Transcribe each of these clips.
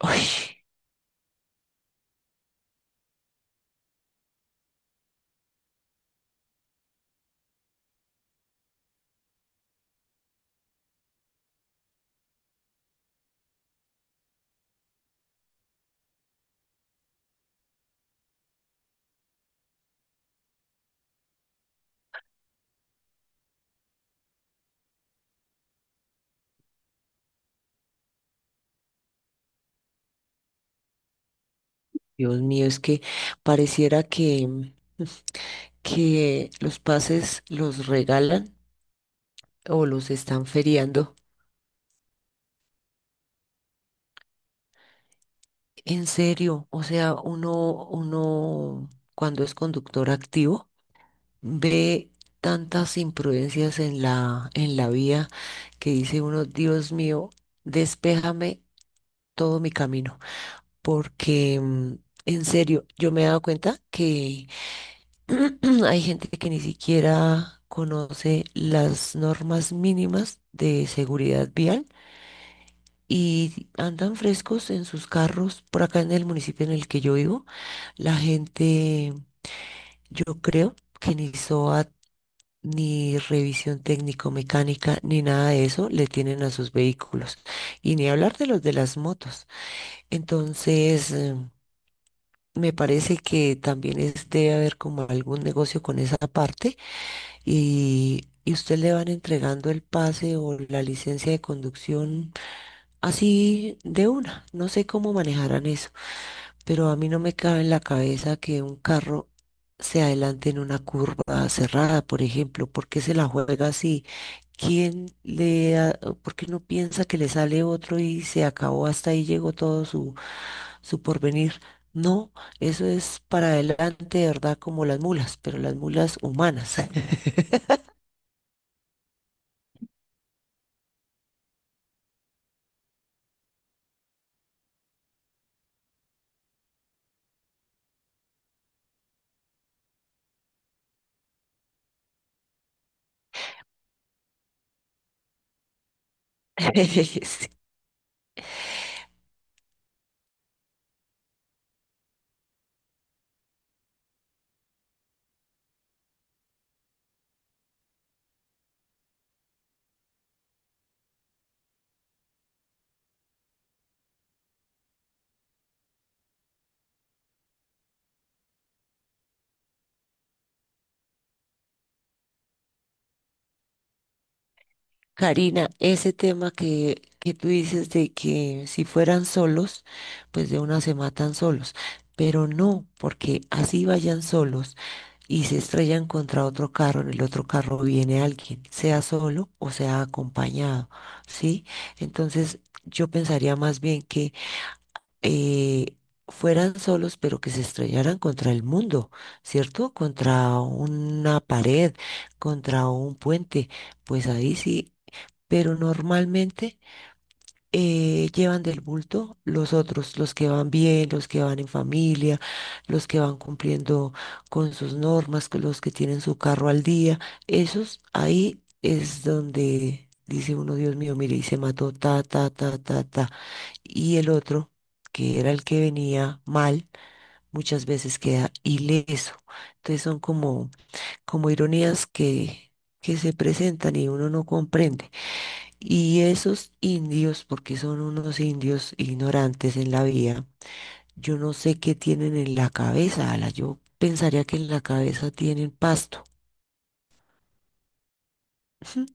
Ay, Dios mío, es que pareciera que los pases los regalan o los están feriando. En serio, o sea, uno cuando es conductor activo ve tantas imprudencias en la vía que dice uno, Dios mío, despéjame todo mi camino, porque en serio, yo me he dado cuenta que hay gente que ni siquiera conoce las normas mínimas de seguridad vial y andan frescos en sus carros. Por acá en el municipio en el que yo vivo, la gente, yo creo que ni SOAT, ni revisión técnico-mecánica, ni nada de eso le tienen a sus vehículos. Y ni hablar de los de las motos. Entonces, me parece que también es, debe haber como algún negocio con esa parte y, usted le van entregando el pase o la licencia de conducción así de una. No sé cómo manejarán eso, pero a mí no me cabe en la cabeza que un carro se adelante en una curva cerrada, por ejemplo. ¿Por qué se la juega así? ¿Quién le, ha- ¿Por qué no piensa que le sale otro y se acabó, hasta ahí llegó todo su, porvenir? No, eso es para adelante, de verdad, como las mulas, pero las mulas humanas. Karina, ese tema que tú dices de que si fueran solos, pues de una se matan solos, pero no, porque así vayan solos y se estrellan contra otro carro, en el otro carro viene alguien, sea solo o sea acompañado, ¿sí? Entonces yo pensaría más bien que eh, fueran solos, pero que se estrellaran contra el mundo, ¿cierto? Contra una pared, contra un puente, pues ahí sí, pero normalmente llevan del bulto los otros, los que van bien, los que van en familia, los que van cumpliendo con sus normas, con los que tienen su carro al día, esos ahí es donde... Dice uno, Dios mío, mire, y se mató, ta, ta, ta, ta, ta, y el otro, que era el que venía mal, muchas veces queda ileso. Entonces son como, ironías que se presentan y uno no comprende. Y esos indios, porque son unos indios ignorantes en la vía, yo no sé qué tienen en la cabeza, Ala. Yo pensaría que en la cabeza tienen pasto. Ujú.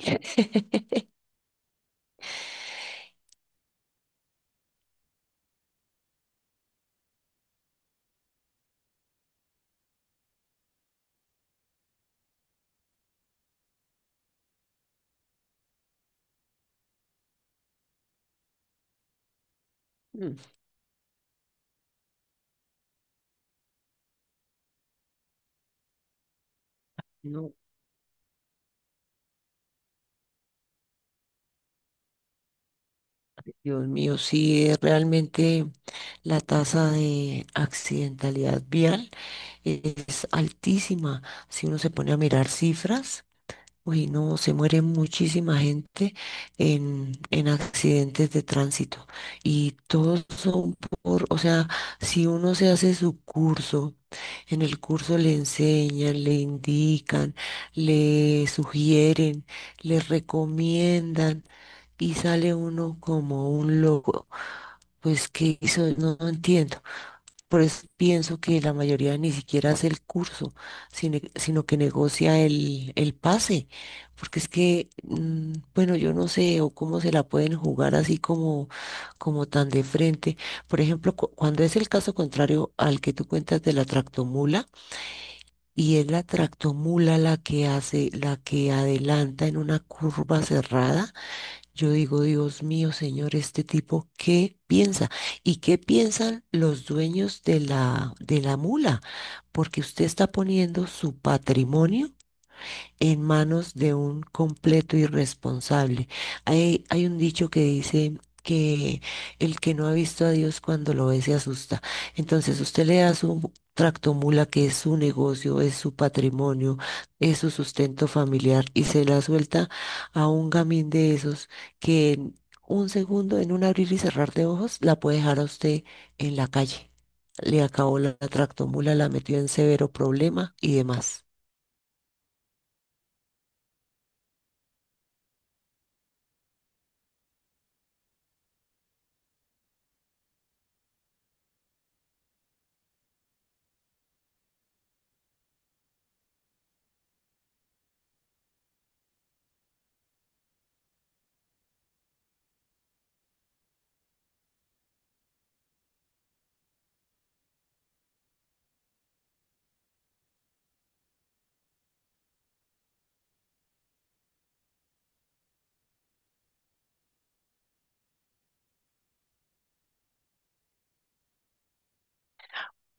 Mm. No, Dios mío, sí, es realmente la tasa de accidentalidad vial es altísima. Si uno se pone a mirar cifras, uy, no, se muere muchísima gente en accidentes de tránsito. Y todos son por, o sea, si uno se hace su curso, en el curso le enseñan, le indican, le sugieren, le recomiendan y sale uno como un loco. Pues, ¿qué hizo? No, no entiendo. Por eso pienso que la mayoría ni siquiera hace el curso, sino, sino que negocia el pase, porque es que, bueno, yo no sé o cómo se la pueden jugar así como, tan de frente. Por ejemplo, cuando es el caso contrario al que tú cuentas de la tractomula, y es la tractomula la que hace, la que adelanta en una curva cerrada, yo digo, Dios mío, Señor, este tipo, ¿qué piensa? ¿Y qué piensan los dueños de la mula? Porque usted está poniendo su patrimonio en manos de un completo irresponsable. Hay un dicho que dice que el que no ha visto a Dios cuando lo ve se asusta. Entonces usted le da su tractomula que es su negocio, es su patrimonio, es su sustento familiar y se la suelta a un gamín de esos que en un segundo, en un abrir y cerrar de ojos, la puede dejar a usted en la calle. Le acabó la tractomula, la metió en severo problema y demás.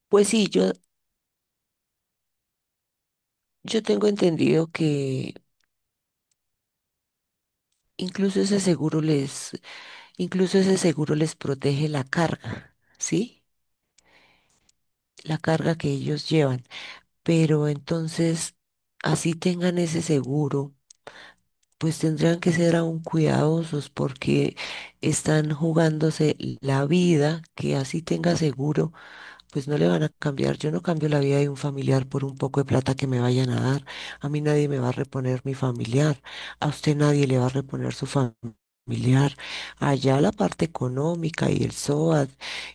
Pues sí, yo tengo entendido que incluso ese seguro les, incluso ese seguro les protege la carga, ¿sí? La carga que ellos llevan. Pero entonces, así tengan ese seguro, pues tendrán que ser aún cuidadosos porque están jugándose la vida, que así tenga seguro pues no le van a cambiar. Yo no cambio la vida de un familiar por un poco de plata que me vayan a dar. A mí nadie me va a reponer mi familiar. A usted nadie le va a reponer su familiar. Allá la parte económica y el SOAT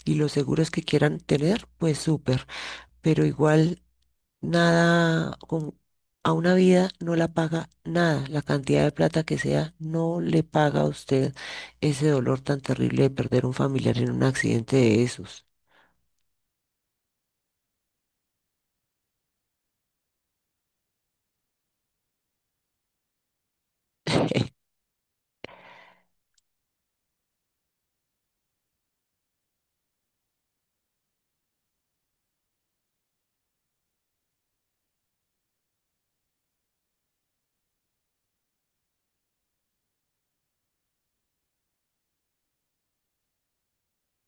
y los seguros que quieran tener, pues súper. Pero igual nada con... A una vida no la paga nada, la cantidad de plata que sea, no le paga a usted ese dolor tan terrible de perder un familiar en un accidente de esos.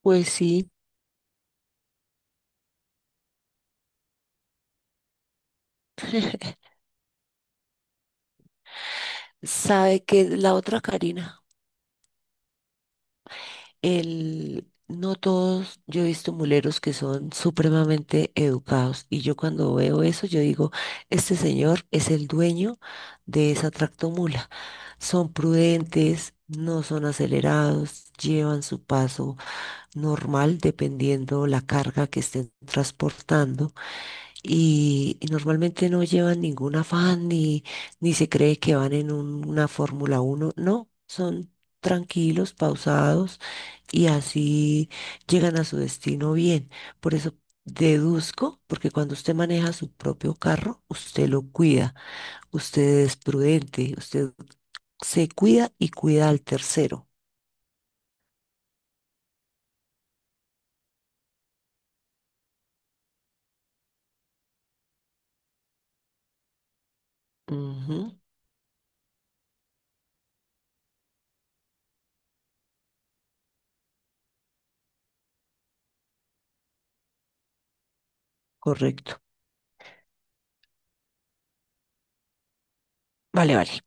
Pues sí. Sabe que la otra, Karina, no todos, yo he visto muleros que son supremamente educados y yo cuando veo eso, yo digo, este señor es el dueño de esa tractomula. Son prudentes, no son acelerados, llevan su paso normal dependiendo la carga que estén transportando y, normalmente no llevan ningún afán ni, se cree que van en una Fórmula uno. No, son tranquilos, pausados y así llegan a su destino bien. Por eso deduzco, porque cuando usted maneja su propio carro, usted lo cuida, usted es prudente, usted se cuida y cuida al tercero. Ujú, correcto. Vale, vale.